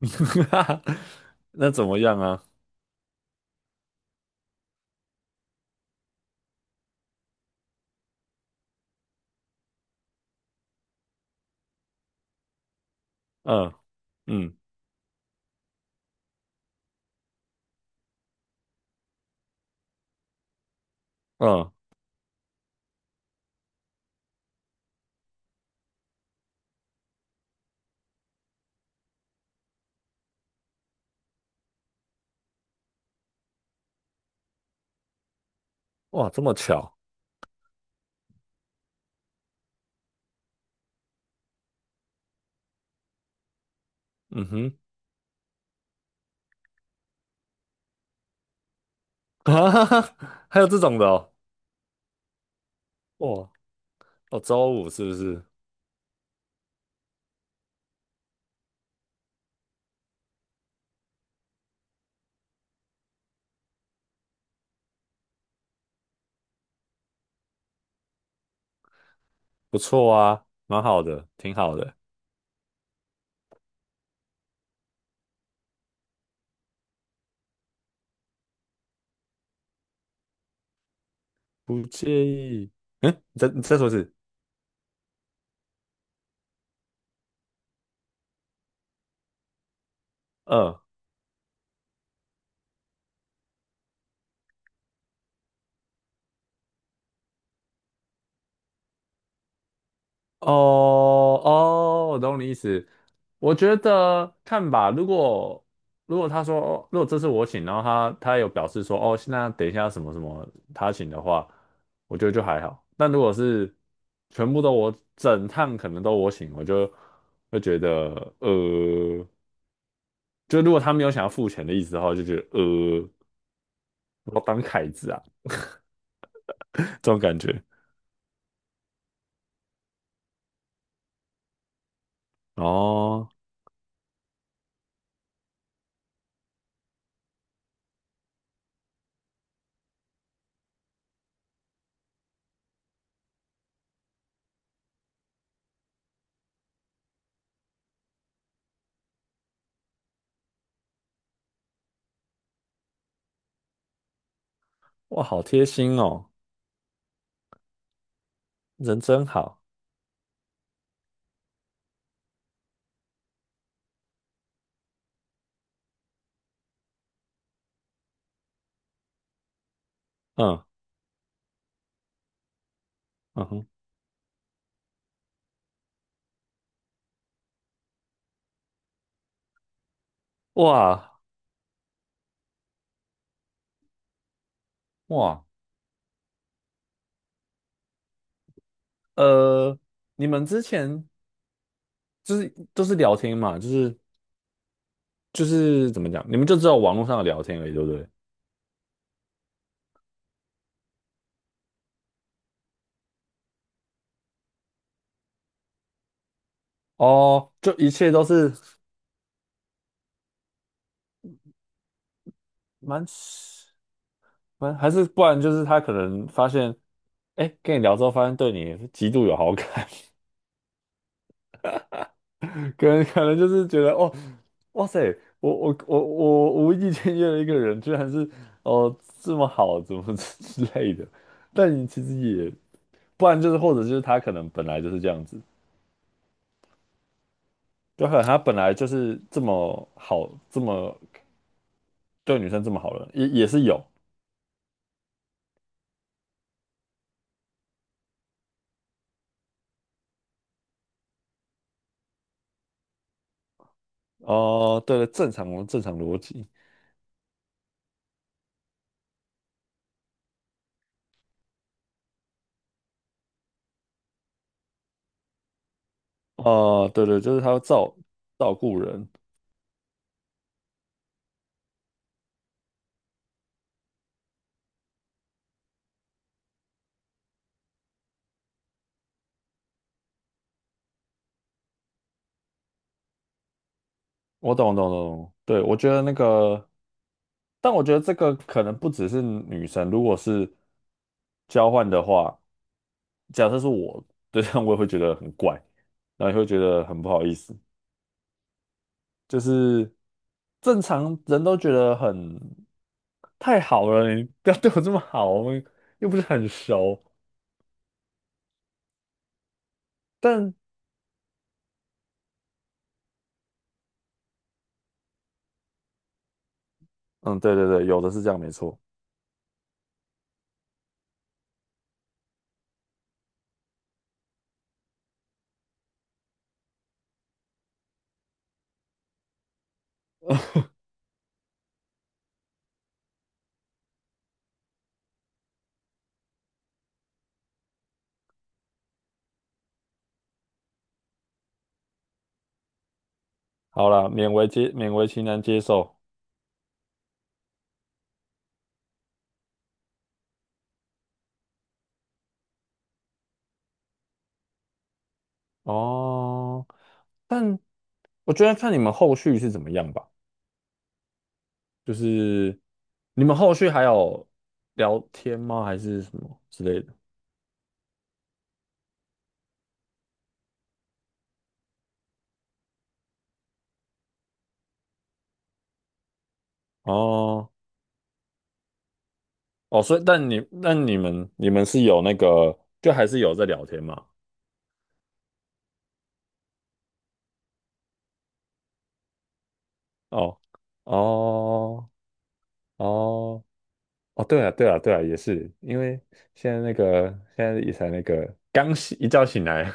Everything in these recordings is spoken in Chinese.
那怎么样啊？嗯嗯嗯，哇，这么巧。嗯哼。啊，还有这种的哦。哇。哦，周五是不是？不错啊，蛮好的，挺好的。不介意。嗯，你再说一次。嗯。哦哦，我懂你意思。我觉得看吧。如果他说，哦，如果这是我请，然后他有表示说，哦，那等一下什么什么他请的话，我觉得就还好。但如果是全部都我整趟可能都我请，我就会觉得，呃，就如果他没有想要付钱的意思的话，我就觉得，我当凯子啊，这种感觉。哦，哇，好贴心哦，人真好。嗯。嗯哼。哇哇，呃，你们之前就是都是聊天嘛，就是怎么讲，你们就只有网络上的聊天而已，对不对？哦，就一切都是蛮还是不然就是他可能发现，哎，跟你聊之后发现对你极度有好感。可能就是觉得哦，哇塞，我无意间约了一个人，居然是哦，这么好，怎么之类的。但你其实也，不然就是或者就是他可能本来就是这样子，就可能他本来就是这么好，这么对女生这么好的，也是有。哦、对了，正常正常逻辑。哦、对对，就是他要照照顾人。我懂懂懂懂，对我觉得那个。但我觉得这个可能不只是女生，如果是交换的话，假设是我对象，我也会觉得很怪，然后也会觉得很不好意思。就是正常人都觉得很太好了，你不要对我这么好，我们又不是很熟。但嗯，对对对，有的是这样，没错。好啦，勉为其难接受。哦。但我觉得看你们后续是怎么样吧。就是你们后续还有聊天吗？还是什么之类的？哦哦，所以但你们是有那个，就还是有在聊天嘛？哦哦哦哦，对啊对啊对啊，也是因为现在那个现在也才那个刚醒一觉醒来，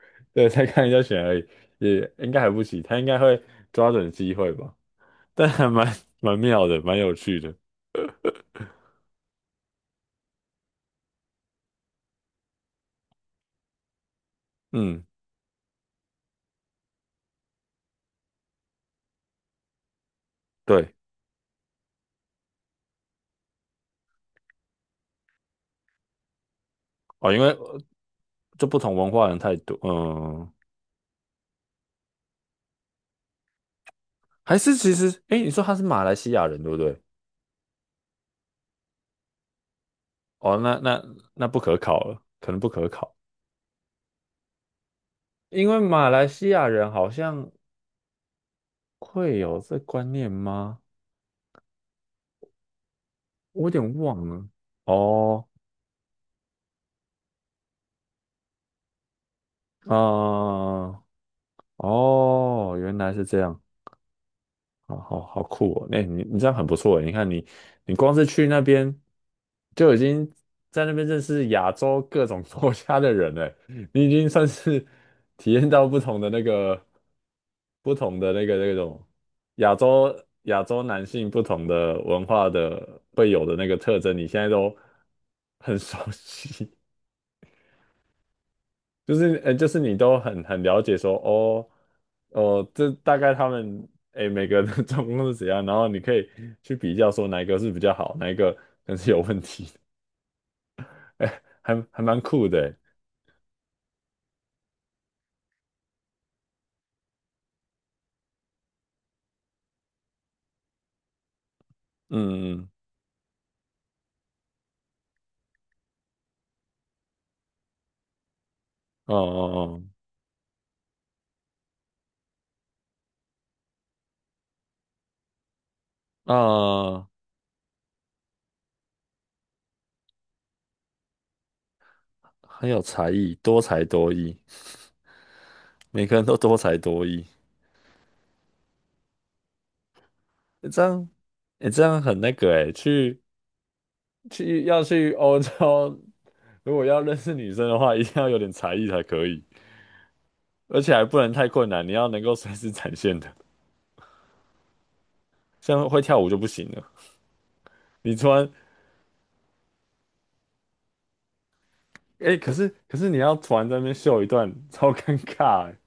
对，才刚一觉醒来而已。也应该还不起，他应该会抓准机会吧？但还蛮妙的，蛮有趣的。嗯，对。哦，因为就不同文化人太多。嗯。还是其实，哎，你说他是马来西亚人对不对？哦，那不可考了，可能不可考，因为马来西亚人好像会有这观念吗？我有点忘了。哦，啊、哦，原来是这样。好好好酷哦！那你这样很不错诶。你看你，你光是去那边就已经在那边认识亚洲各种 国家的人了，你已经算是 体验到不同的那个那种亚洲亚洲男性不同的文化的会有的那个特征，你现在都很熟悉。就是就是你都很了解说，哦哦，这大概他们哎每个的 状况是怎样，然后你可以去比较说哪一个是比较好，哪一个可能是有问题的。哎，还蛮酷的欸。哎。嗯。嗯。哦哦哦，啊、很有才艺，多才多艺，每个人都多才多艺。诶这样哎这样很那个哎，要去欧洲，如果要认识女生的话，一定要有点才艺才可以。而且还不能太困难，你要能够随时展现的，像会跳舞就不行了。你突然，哎、可是你要突然在那边秀一段，超尴尬欸。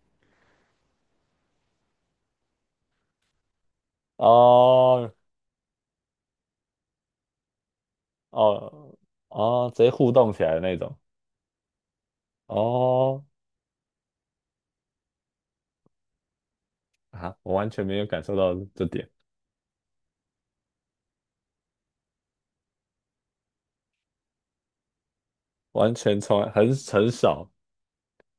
哦哦哦，直接互动起来的那种。哦啊，我完全没有感受到这点，完全从来很少，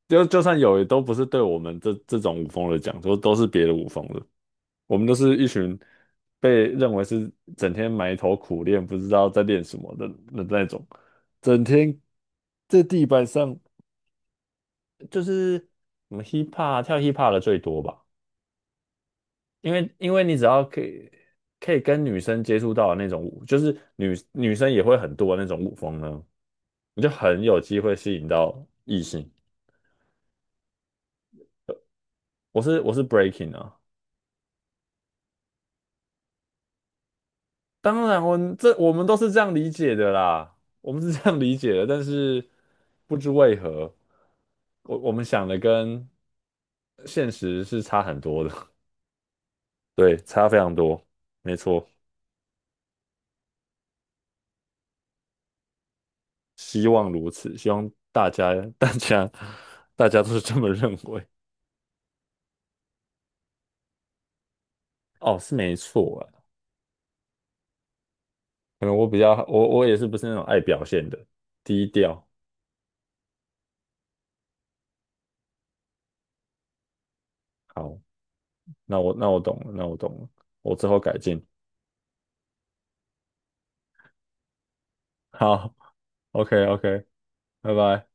就算有，也都不是对我们这种舞风的讲，说都是别的舞风的。我们都是一群被认为是整天埋头苦练，不知道在练什么的那种，整天在地板上。就是我们 hip hop 跳 hip hop 的最多吧。因为你只要可以跟女生接触到的那种舞，就是女生也会很多的那种舞风呢，你就很有机会吸引到异性。我是 breaking 啊。当然我们都是这样理解的啦，我们是这样理解的，但是不知为何，我们想的跟现实是差很多的。对，差非常多，没错。希望如此，希望大家 大家都是这么认为。哦，是没错啊。可能我比较我也是不是那种爱表现的，低调。好，那我懂了，那我懂了，我之后改进。好，OK OK，拜拜。